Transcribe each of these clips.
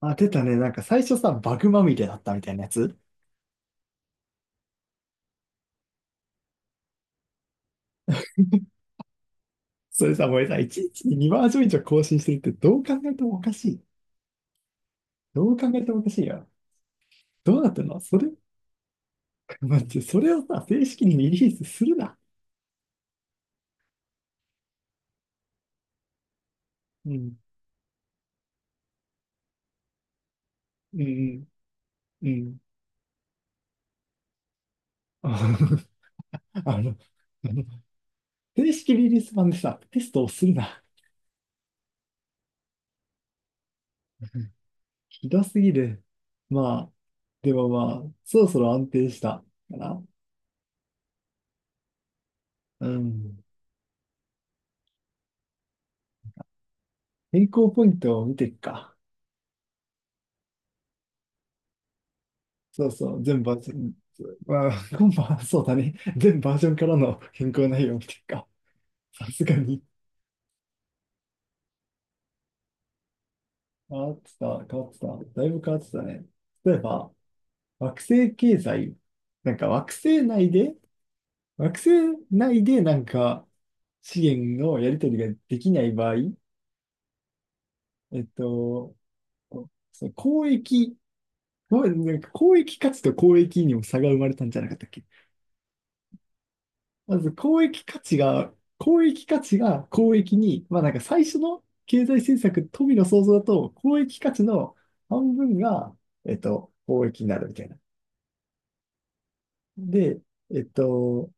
あ、出たね。なんか最初さ、バグまみれだったみたいなやつ。それさ、もうさ、1日に2バージョン以上更新してるってどう考えてもおかしい。どう考えてもおかしいよ。どうなってんのそれ。待って、それをさ、正式にリリースするな。うん、うん、うん。あの、あの正式リリース版でさ、テストをするな。ひどすぎる。まあ、でもまあ、そろそろ安定したかな。うん。変更ポイントを見ていくか。そうそう、全バージョン、まあ、今晩、そうだね。全バージョンからの変更内容っていうか、さすがに変わってた、変わってた。だいぶ変わってたね。例えば、惑星経済、なんか惑星内でなんか資源のやり取りができない場合、えっと、その交易、ごめんなんか交易価値と交易にも差が生まれたんじゃなかったっけ？まず公益価値が公益に、まあなんか最初の経済政策、富の創造だと、公益価値の半分が、公益になるみたいな。で、えっと、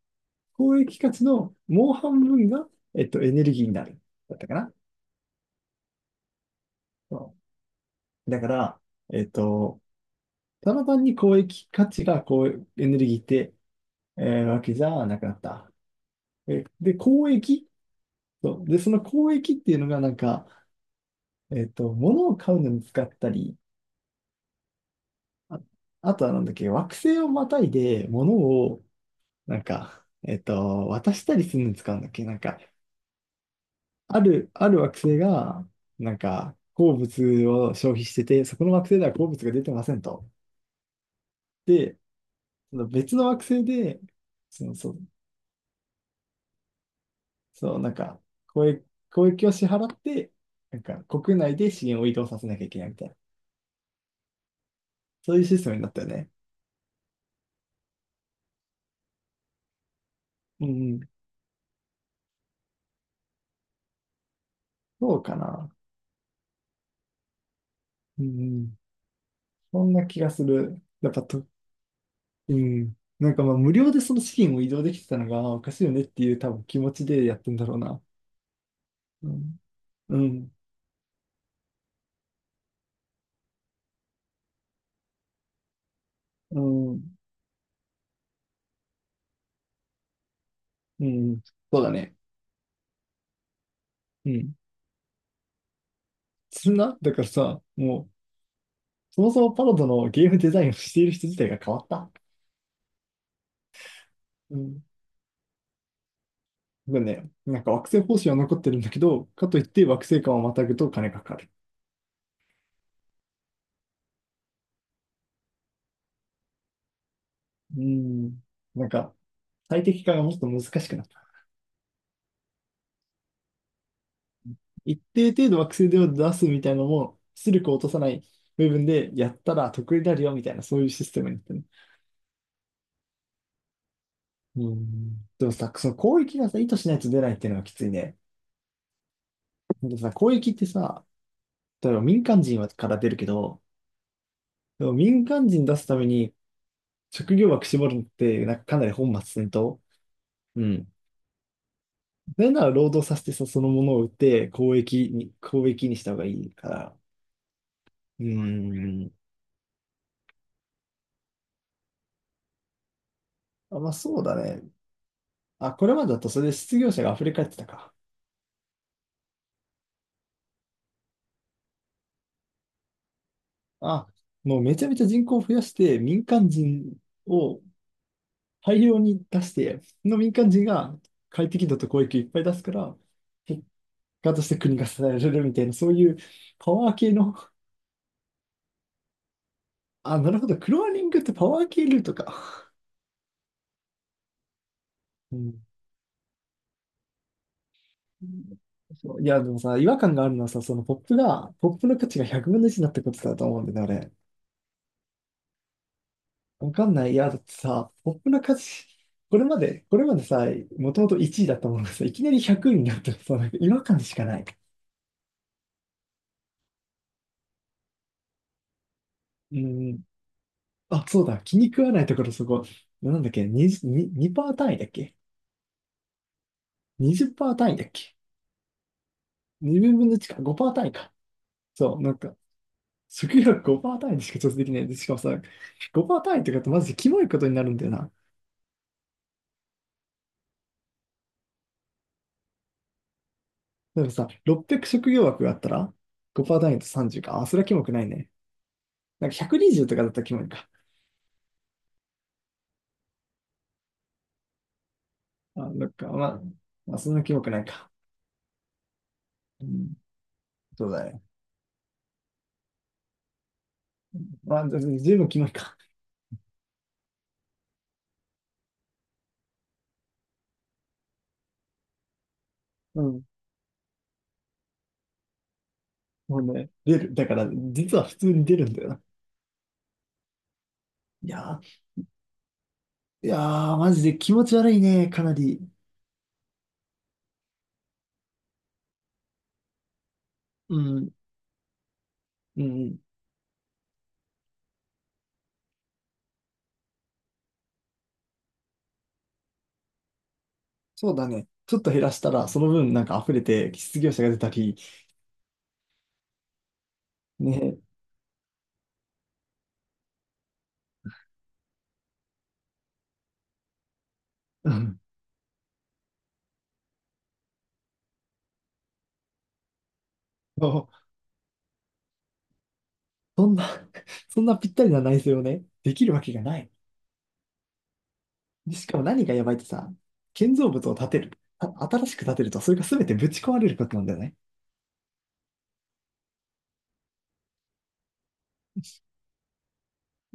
公益価値のもう半分が、エネルギーになる。だったかな。そうだから、えっと、ただ単に公益価値がこうエネルギーって、わけじゃなくなった。で、公益。そう。で、その公益っていうのがなんか、物を買うのに使ったり、あ、あとはなんだっけ、惑星をまたいで物を、なんか、渡したりするのに使うんだっけ？なんか、ある惑星が、なんか、鉱物を消費してて、そこの惑星では鉱物が出てませんと。で、その別の惑星で、その、そう、そう、なんか、交易、交易を支払って、なんか、国内で資源を移動させなきゃいけないみたいな、そういうシステムになったよね。うんうん、そうかな。うんうん、そんな気がする。やっぱと、うん。なんかまあ無料でその資金を移動できてたのがあおかしいよねっていう多分気持ちでやってんだろうな。うん。うん。うん。うん。そうだね。うん。だからさ、もう、そもそもパロドのゲームデザインをしている人自体が変わった。うん。だね、なんか惑星方針は残ってるんだけど、かといって惑星間をまたぐと金がかかる。うん。なんか、最適化がもっと難しくなった。一定程度惑星では出すみたいなのも、出力を落とさない部分でやったら得になるよみたいな、そういうシステムになってる。うん。でもさ、その攻撃がさ、意図しないと出ないっていうのがきついね。でさ、攻撃ってさ、例えば民間人はから出るけど、でも民間人出すために職業枠絞るのって、なんかかなり本末転倒。うん。なんなら労働させてさ、そのものを売って攻撃にした方がいいから。うん。あ、まあそうだね。あ、これまでだとそれで失業者が溢れ返ってたか。あ、もうめちゃめちゃ人口を増やして、民間人を大量に出して、その民間人が快適度と公益をいっぱい出すから、結果として国が支えられるみたいな、そういうパワー系の、あ、なるほど、クローニングってパワー系ルートか。うん。そういや、でもさ、違和感があるのはさ、ポップの価値が100分の1になったことだと思うんだよね、あれ。わかんない。いや、だってさ、ポップな歌詞、これまでさ、もともと1位だったものがさ、いきなり100位になったらさ、なんか違和感しかない。うん。あ、そうだ、気に食わないところそこ、なんだっけ、20、ににパー単位だっけ？ 20% 単位だっけ？ 2 分の1か、5%単位か。そう、なんか、食欲5%単位でしか調整できない。で、しかもさ、5%単位ってかってマジでキモいことになるんだよな。なんかさ、600職業枠があったら、5%単位と30か。あ、それはキモくないね。なんか120とかだったらキモいか。あ、どっか、まあ、そんなキモくないか。うん、そうだね。まあ、ずずいぶキモいか。うん。もうね、出る。だから、実は普通に出るんだよな。いやー、いやー、マジで気持ち悪いね、かなり。うん、うん、そうだね。ちょっと減らしたら、その分なんか溢れて、失業者が出たり、ね、うん。そうそんな、そんなぴったりな内政をね、できるわけがない。でしかも何がやばいってさ、建造物を建てる。あ、新しく建てると、それが全てぶち壊れることなんだよね。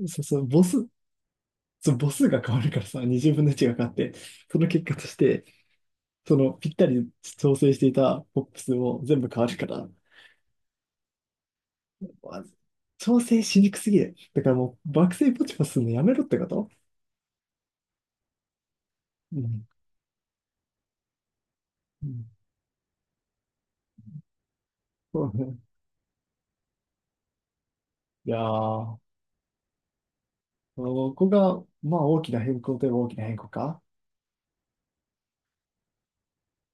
そうそう、ボス、その母数が変わるからさ、20分の1が変わって、その結果として、そのぴったり調整していたポップ数も全部変わるから、わ調整しにくすぎる。だからもう、爆睡ポチポチするのやめろってこと。うん。うん、そうね。いやー、ここが、まあ大きな変更といえば大きな変更か。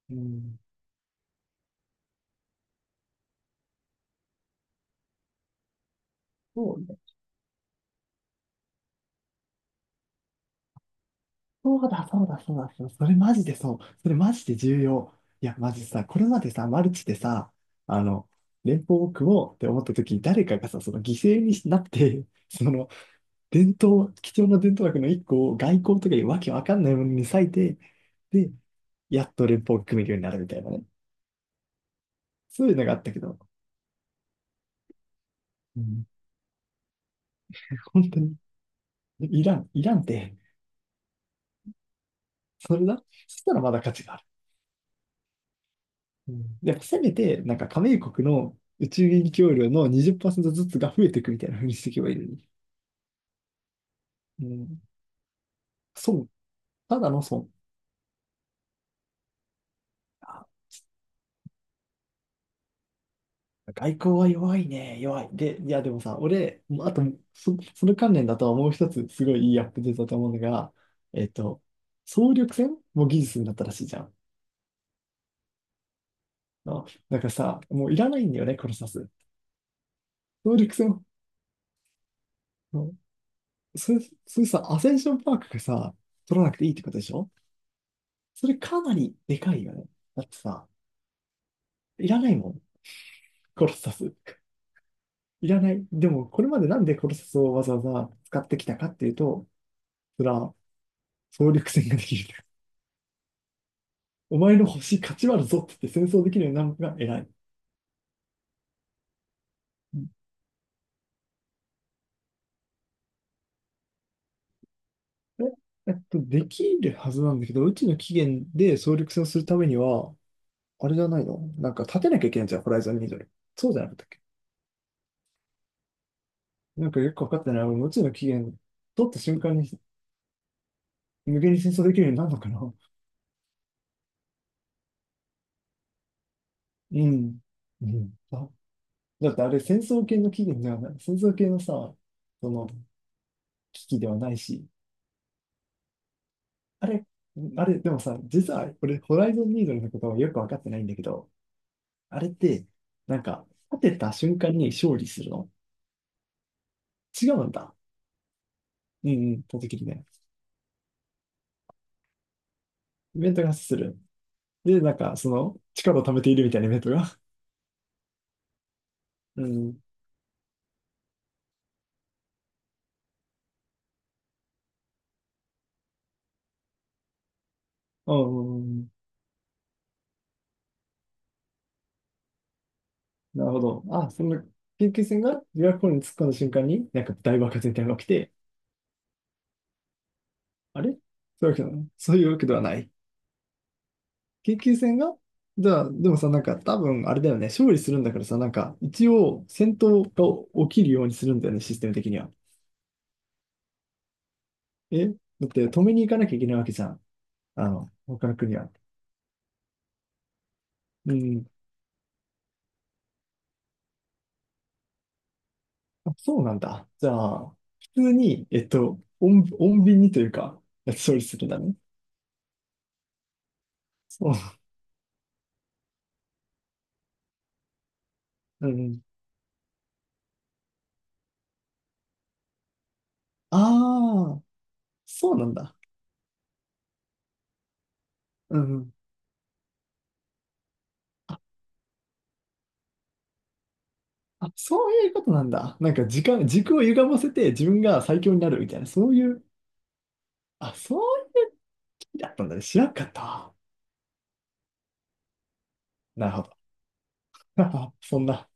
うん。そうだ、そうだ、そうだ、そうだ、それマジでそう。それマジで重要。いや、マジさ、これまでさ、マルチでさ、あの、連邦を組もうって思った時に、誰かがさ、その犠牲になって、その、伝統、貴重な伝統学の一個を外交とかいうわけわかんないものに割いて、で、やっと連邦を組めるようになるみたいなね。そういうのがあったけど、うん、本当に、いらん、いらんって、それだ、そしたらまだ価値がある。うん、やっぱせめて、なんか加盟国の宇宙影協量の20%ずつが増えていくみたいな風にしていけばいいのに。うん。損。ただの損。あ外交は弱いね。弱い。で、いや、でもさ、俺、もうあと、その関連だとはもう一つ、すごいいいアップデートだと思うのが、えっと、総力戦も技術になったらしいじゃん。あ、なんかさ、もういらないんだよね、コロサス。総力戦。うん、それ、それさ、アセンションパークがさ、取らなくていいってことでしょ？それかなりでかいよね。だってさ、いらないもん、コロサス。いらない。でも、これまでなんでコロサスをわざわざ使ってきたかっていうと、それは総力戦ができる。お前の星勝ち割るぞって言って戦争できるようになるのが偉い。できるはずなんだけど、うちの起源で総力戦をするためには、あれじゃないのなんか立てなきゃいけないじゃん、ホライゾンニードル。そうじゃなかったっけ？なんかよくわかってない。俺、うちの起源取った瞬間に無限に戦争できるようになるのかな？うん。うん。あだってあれ戦争系の起源ではない。戦争系のさ、その危機ではないし、あれ、あれ、でもさ、実は俺、ホライゾンニードルのことはよく分かってないんだけど、あれって、なんか、立てた瞬間に勝利するの？違うんだ。うんうん、立てきりね。イベントが発生する。で、なんか、その、力を貯めているみたいなイベントが。うん。うん。うん、なるほど。あ、その、研究船が琵琶湖に突っ込んだ瞬間に、なんか大爆発みたいなのが起きて、あれ、そういうわけだね、そういうわけではない。研究戦が。じゃあ、でもさ、なんか多分あれだよね、勝利するんだからさ、なんか一応戦闘が起きるようにするんだよね、システム的には。えだって止めに行かなきゃいけないわけじゃん。あの、他の国は。うん。あ、そうなんだ。じゃあ、普通に、穏穏便にというか、勝利するんだね。そう。うん。ああ、そうなんだ。うん。あ、あ、そういうことなんだ。なんか時間、軸を歪ませて自分が最強になるみたいな、そういう、あ、そうやったんだね。知らんかった。なるほど。そんな。